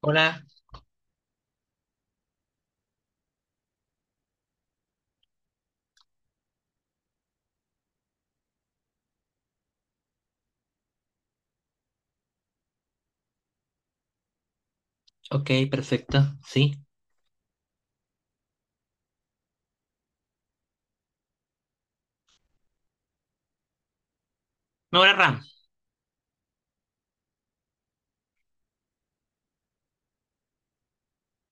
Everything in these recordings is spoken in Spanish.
Hola. Ok, Perfecto, sí. Memoria RAM.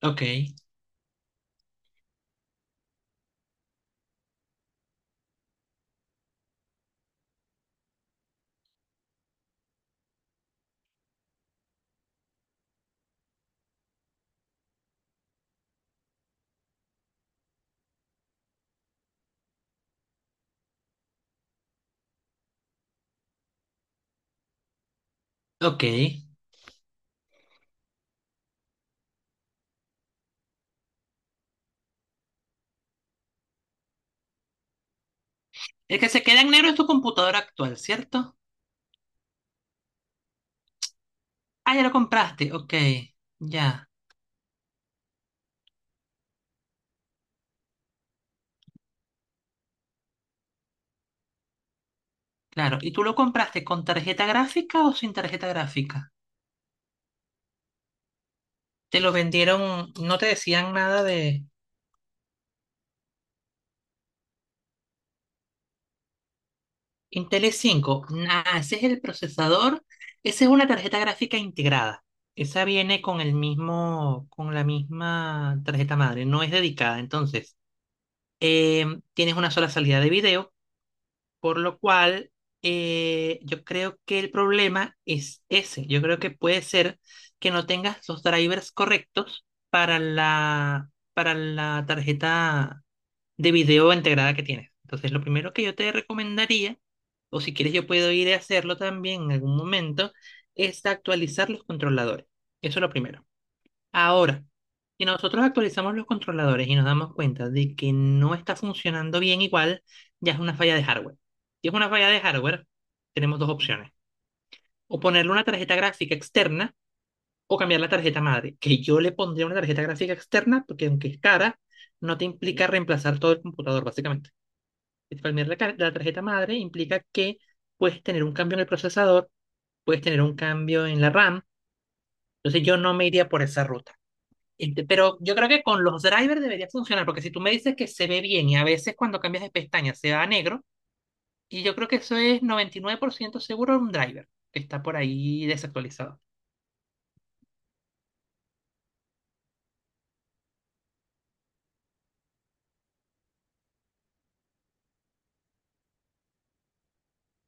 Ok, ok. El que se queda en negro es tu computadora actual, ¿cierto? Ah, ya lo compraste. Ok, ya, claro. ¿Y tú lo compraste con tarjeta gráfica o sin tarjeta gráfica? Te lo vendieron, no te decían nada de Intel i5. Ah, ese es el procesador, esa es una tarjeta gráfica integrada. Esa viene con el mismo, con la misma tarjeta madre, no es dedicada, entonces. Tienes una sola salida de video. Por lo cual, yo creo que el problema es ese. Yo creo que puede ser que no tengas los drivers correctos para la tarjeta de video integrada que tienes. Entonces, lo primero que yo te recomendaría, o si quieres yo puedo ir a hacerlo también en algún momento, es actualizar los controladores. Eso es lo primero. Ahora, si nosotros actualizamos los controladores y nos damos cuenta de que no está funcionando bien igual, ya es una falla de hardware. Si es una falla de hardware, tenemos dos opciones. O ponerle una tarjeta gráfica externa o cambiar la tarjeta madre, que yo le pondría una tarjeta gráfica externa porque aunque es cara, no te implica reemplazar todo el computador, básicamente. Es cambiar la tarjeta madre implica que puedes tener un cambio en el procesador, puedes tener un cambio en la RAM. Entonces yo no me iría por esa ruta. Pero yo creo que con los drivers debería funcionar, porque si tú me dices que se ve bien y a veces cuando cambias de pestaña se va a negro, y yo creo que eso es 99% seguro un driver que está por ahí desactualizado.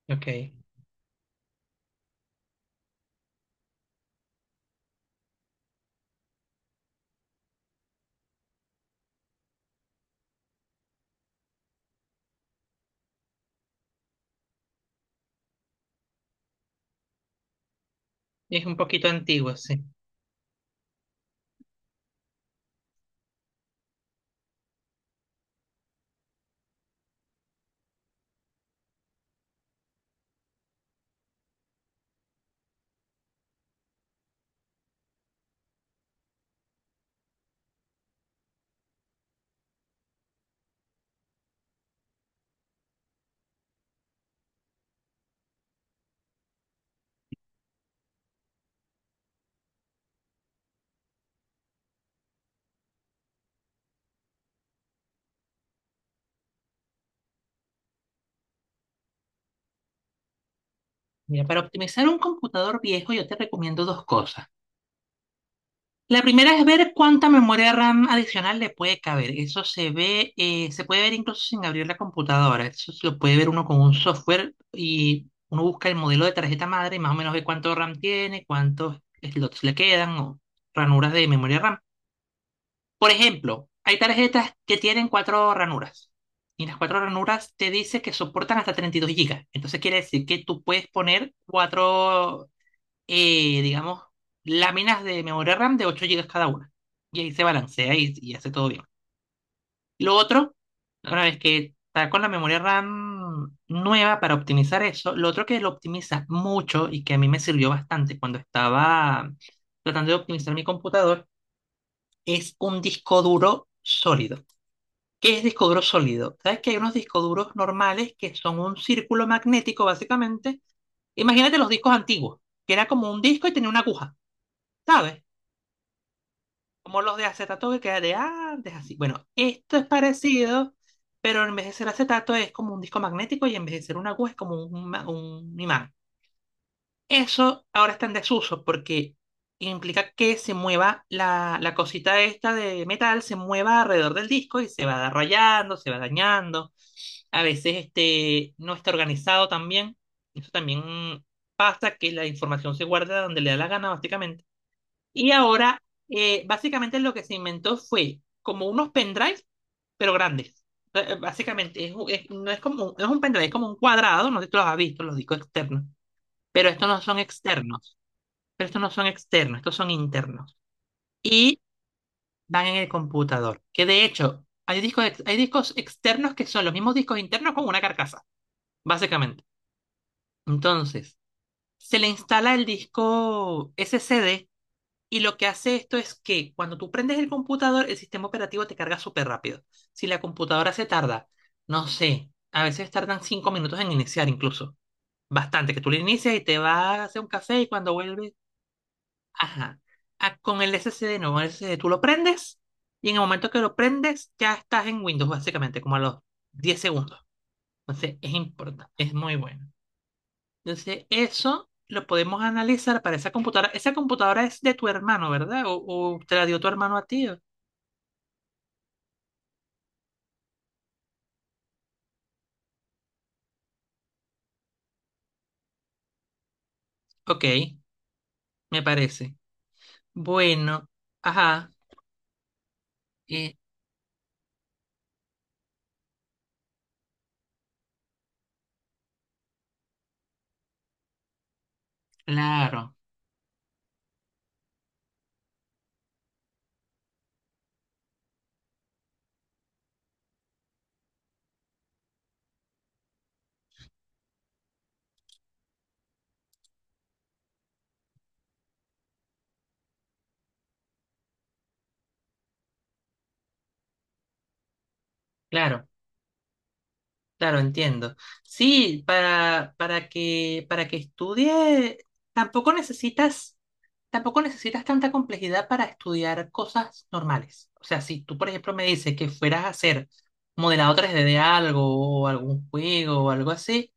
Ok, es un poquito antiguo, sí. Mira, para optimizar un computador viejo yo te recomiendo dos cosas. La primera es ver cuánta memoria RAM adicional le puede caber. Eso se ve, se puede ver incluso sin abrir la computadora. Eso se lo puede ver uno con un software y uno busca el modelo de tarjeta madre y más o menos ve cuánto RAM tiene, cuántos slots le quedan o ranuras de memoria RAM. Por ejemplo, hay tarjetas que tienen cuatro ranuras y las cuatro ranuras te dice que soportan hasta 32 GB. Entonces quiere decir que tú puedes poner cuatro digamos, láminas de memoria RAM de 8 gigas cada una. Y ahí se balancea y hace todo bien. Lo otro, una vez que está con la memoria RAM nueva para optimizar eso, lo otro que lo optimiza mucho y que a mí me sirvió bastante cuando estaba tratando de optimizar mi computador es un disco duro sólido. ¿Qué es disco duro sólido? Sabes que hay unos discos duros normales que son un círculo magnético, básicamente. Imagínate los discos antiguos, que era como un disco y tenía una aguja, ¿sabes? Como los de acetato que queda de antes, así. Bueno, esto es parecido, pero en vez de ser acetato es como un disco magnético y en vez de ser una aguja es como un imán. Eso ahora está en desuso porque implica que se mueva la cosita esta de metal, se mueva alrededor del disco y se va rayando, se va dañando. A veces no está organizado también. Eso también pasa que la información se guarda donde le da la gana, básicamente y ahora, básicamente lo que se inventó fue como unos pendrives, pero grandes. Básicamente, no es como, no es un pendrive, es como un cuadrado, no sé si tú los has visto, los discos externos, pero estos no son externos, estos son internos. Y van en el computador, que de hecho, hay hay discos externos que son los mismos discos internos con una carcasa, básicamente. Entonces, se le instala el disco SCD. Y lo que hace esto es que cuando tú prendes el computador, el sistema operativo te carga súper rápido. Si la computadora se tarda, no sé, a veces tardan 5 minutos en iniciar incluso. Bastante, que tú le inicias y te vas a hacer un café y cuando vuelves, ajá. Ah, con el SSD, no, con el SSD tú lo prendes y en el momento que lo prendes ya estás en Windows básicamente, como a los 10 segundos. Entonces es importante, es muy bueno. Entonces, eso lo podemos analizar para esa computadora. Esa computadora es de tu hermano, ¿verdad? ¿O te la dio tu hermano a ti? Ok, me parece. Bueno, ajá. eh, claro, claro, claro, entiendo. Sí, para que estudie, tampoco necesitas, tampoco necesitas tanta complejidad para estudiar cosas normales. O sea, si tú, por ejemplo, me dices que fueras a hacer modelado 3D de algo o algún juego o algo así,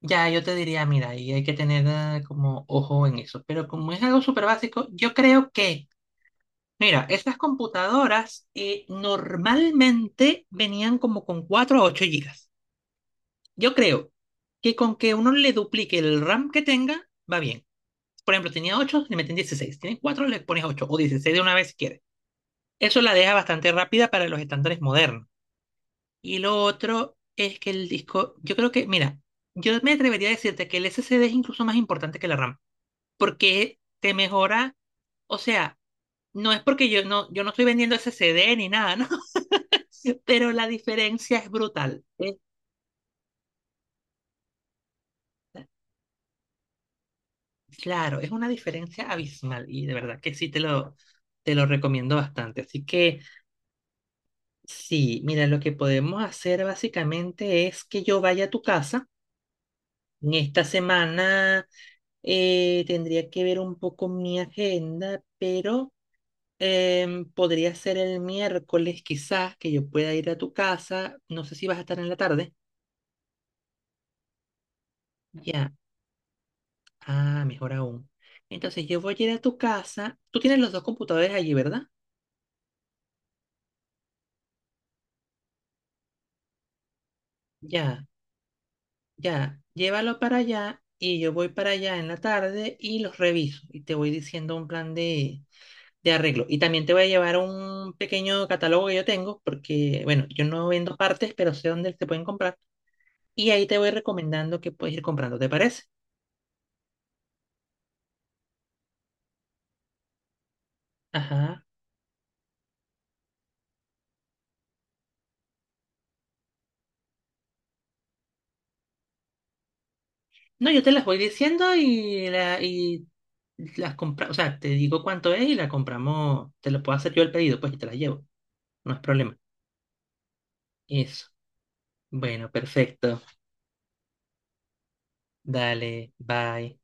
ya, yo te diría, mira, y hay que tener como ojo en eso. Pero como es algo súper básico, yo creo que, mira, estas computadoras normalmente venían como con 4 a 8 gigas. Yo creo que con que uno le duplique el RAM que tenga, va bien. Por ejemplo, tenía 8, le meten 16. Tienes 4, le pones 8 o 16 de una vez si quieres. Eso la deja bastante rápida para los estándares modernos. Y lo otro es que el disco, yo creo que, mira, yo me atrevería a decirte que el SSD es incluso más importante que la RAM, porque te mejora, o sea, no es porque yo no estoy vendiendo ese CD ni nada, ¿no? Pero la diferencia es- brutal. Claro, es una diferencia abismal y de verdad que sí te lo recomiendo bastante. Así que sí, mira, lo que podemos hacer básicamente es que yo vaya a tu casa. En esta semana tendría que ver un poco mi agenda, pero podría ser el miércoles, quizás, que yo pueda ir a tu casa. No sé si vas a estar en la tarde. Ya. Ah, mejor aún. Entonces yo voy a ir a tu casa. Tú tienes los dos computadores allí, ¿verdad? Ya, ya. Llévalo para allá y yo voy para allá en la tarde y los reviso y te voy diciendo un plan de arreglo. Y también te voy a llevar un pequeño catálogo que yo tengo porque, bueno, yo no vendo partes, pero sé dónde se pueden comprar. Y ahí te voy recomendando que puedes ir comprando, ¿te parece? Ajá. No, yo te las voy diciendo y las compras, o sea, te digo cuánto es y la compramos, te lo puedo hacer yo el pedido, pues y te las llevo, no es problema. Eso. Bueno, perfecto. Dale, bye.